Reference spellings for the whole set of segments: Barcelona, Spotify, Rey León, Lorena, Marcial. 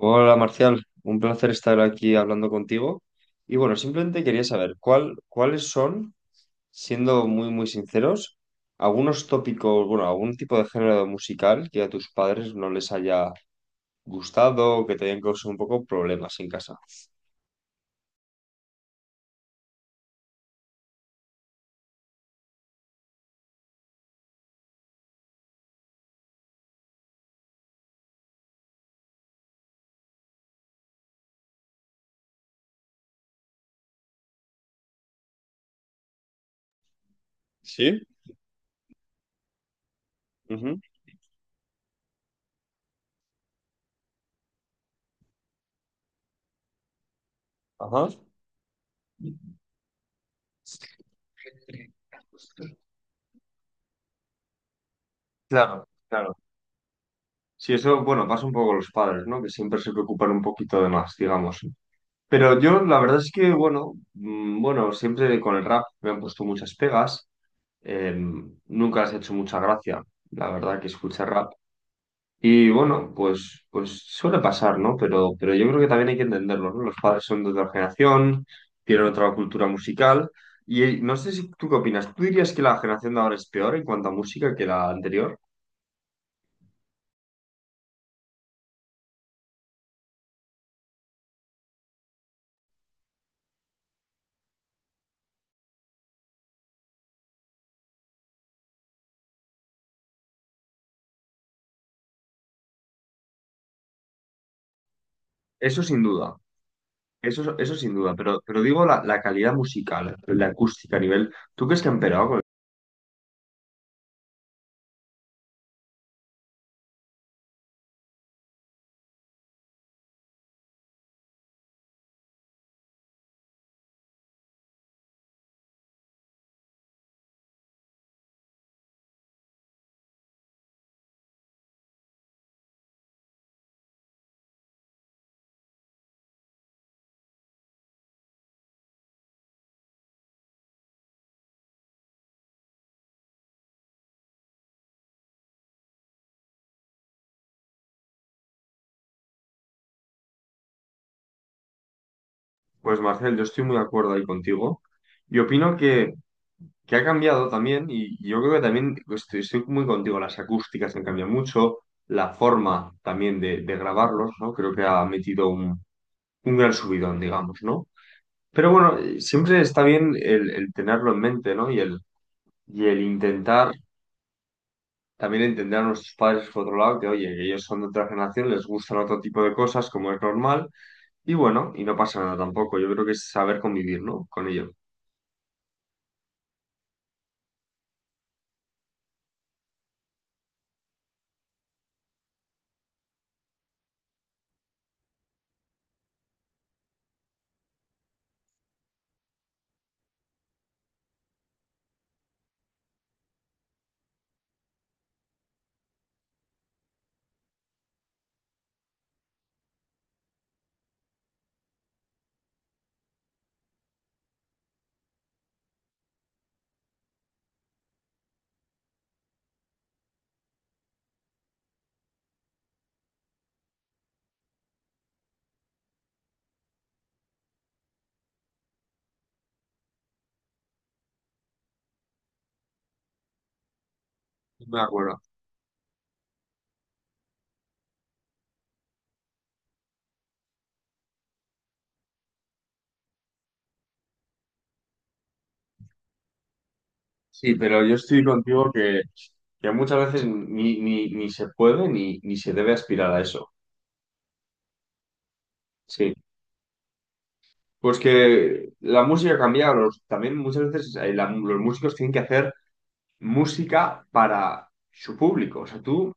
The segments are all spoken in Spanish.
Hola Marcial, un placer estar aquí hablando contigo. Y bueno, simplemente quería saber cuáles son, siendo muy muy sinceros, algunos tópicos, bueno, algún tipo de género musical que a tus padres no les haya gustado o que te hayan causado un poco problemas en casa. Sí, ujú. Ajá. Claro, claro. Sí, eso, bueno, pasa un poco con los padres, ¿no? Que siempre se preocupan un poquito de más, digamos. Pero yo, la verdad es que, bueno, bueno, siempre con el rap me han puesto muchas pegas. Eh, nunca has hecho mucha gracia, la verdad, que escuche rap. Y bueno, pues suele pasar, ¿no? Pero yo creo que también hay que entenderlo, ¿no? Los padres son de otra generación, tienen otra cultura musical. Y no sé si tú qué opinas. ¿Tú dirías que la generación de ahora es peor en cuanto a música que la anterior? Eso sin duda, eso sin duda. Pero digo la calidad musical, la acústica a nivel. ¿Tú crees que han empeorado? Pues Marcel, yo estoy muy de acuerdo ahí contigo. Y opino que ha cambiado también, y yo creo que también estoy muy contigo, las acústicas han cambiado mucho, la forma también de grabarlos, ¿no? Creo que ha metido un gran subidón, digamos, ¿no? Pero bueno, siempre está bien el tenerlo en mente, ¿no? Y y el intentar también entender a nuestros padres por otro lado, que oye, que ellos son de otra generación, les gustan otro tipo de cosas, como es normal, y bueno, y no pasa nada tampoco, yo creo que es saber convivir, ¿no? Con ello. Me acuerdo. Sí, pero yo estoy contigo que muchas veces ni se puede ni se debe aspirar a eso. Sí. Pues que la música cambia, también muchas veces los músicos tienen que hacer música para su público. O sea, tú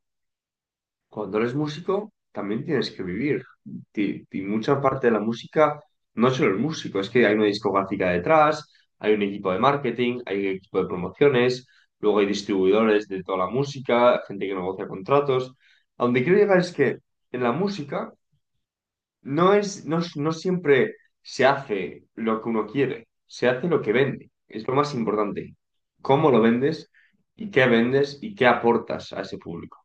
cuando eres músico también tienes que vivir. Y mucha parte de la música no es solo el músico, es que hay una discográfica detrás, hay un equipo de marketing, hay un equipo de promociones, luego hay distribuidores de toda la música, gente que negocia contratos. A donde quiero llegar es que en la música no es, no siempre se hace lo que uno quiere, se hace lo que vende. Es lo más importante. ¿Cómo lo vendes y qué aportas a ese público?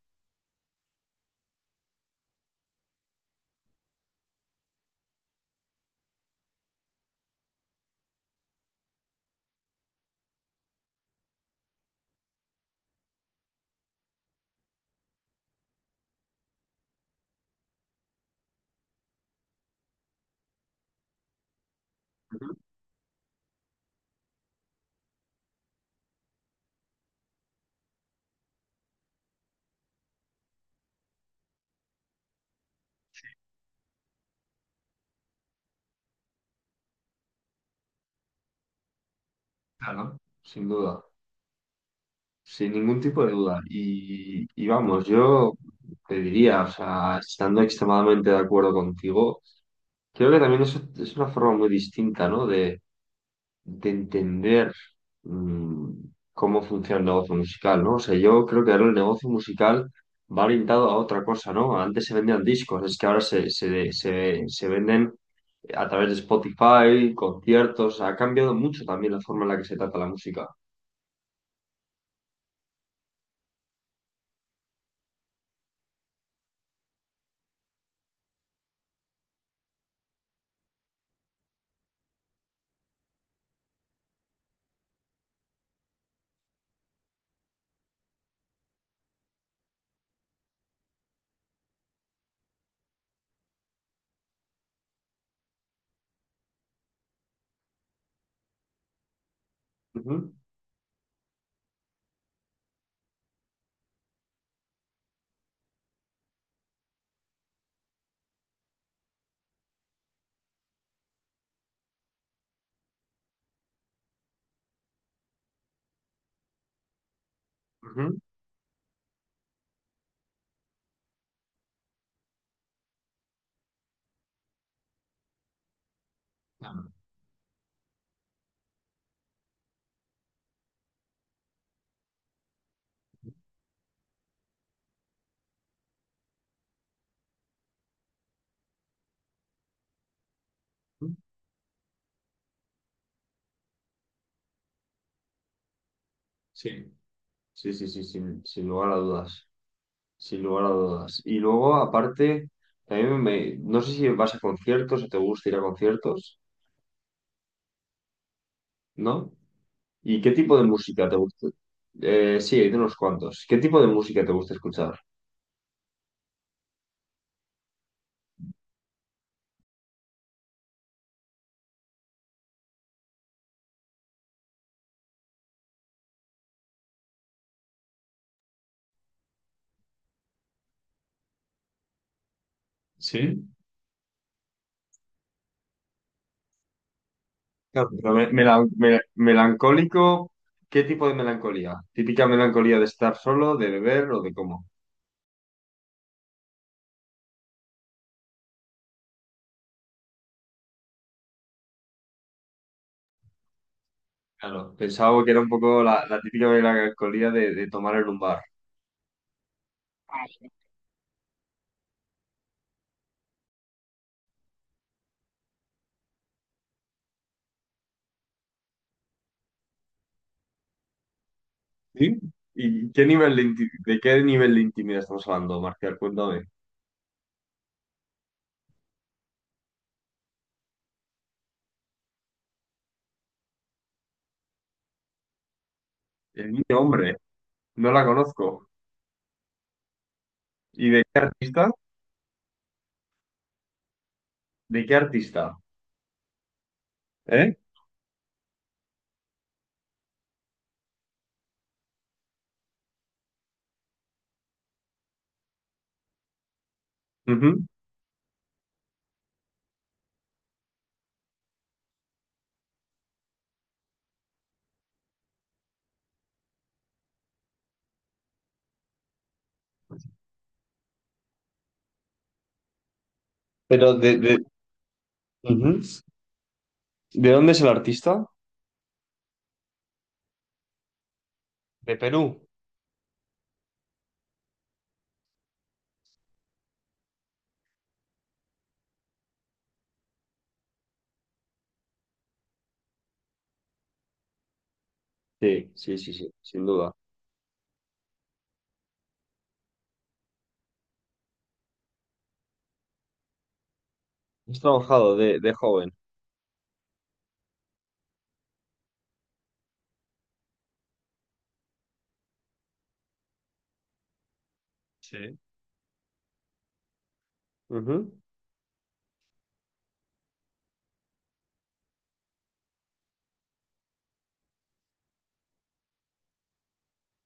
Ujú. Claro. Sin duda, sin ningún tipo de duda. Y vamos, yo te diría, o sea, estando extremadamente de acuerdo contigo, creo que también eso es una forma muy distinta, ¿no? De entender mm, cómo funciona el negocio musical, ¿no? O sea, yo creo que ahora el negocio musical va orientado a otra cosa, ¿no? Antes se vendían discos, es que ahora se venden a través de Spotify, conciertos, ha cambiado mucho también la forma en la que se trata la música. Ujú, ujú. Ujú. Sí, sí, sí, sí, sin lugar a dudas, sin lugar a dudas. Y luego, aparte, también me, no sé si vas a conciertos o te gusta ir a conciertos, ¿no? ¿Y qué tipo de música te gusta? Sí, hay de unos cuantos. ¿Qué tipo de música te gusta escuchar? ¿Sí? Claro, pero melancólico, ¿qué tipo de melancolía? ¿Típica melancolía de estar solo, de beber o de cómo? Claro, pensaba que era un poco la típica melancolía de tomar en un bar. ¿Sí? ¿Y qué nivel de, de qué nivel de intimidad estamos hablando, Marcial? Cuéntame. El niño, hombre, no la conozco. ¿Y de qué artista? ¿De qué artista? ¿Eh? Ujú. Pero ujú. ¿De dónde es el artista? De Perú. Sí, sí, sí, sí, sin duda. Has trabajado de joven. Sí, Ujú,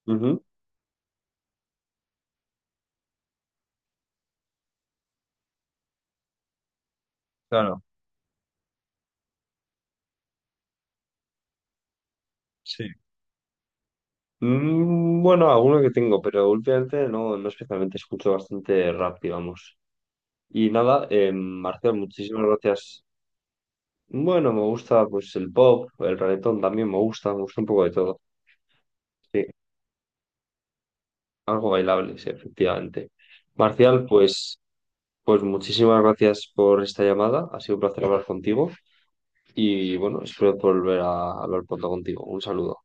ujú. Claro, sí. Mm, bueno, alguno que tengo, pero últimamente no, no especialmente escucho bastante rap, digamos. Y nada, Marcel, muchísimas gracias. Bueno, me gusta pues el pop, el reggaetón también me gusta un poco de todo. Sí, algo bailable, sí, efectivamente. Marcial, pues, pues muchísimas gracias por esta llamada, ha sido un placer hablar contigo. Y bueno, espero volver a hablar pronto contigo. Un saludo.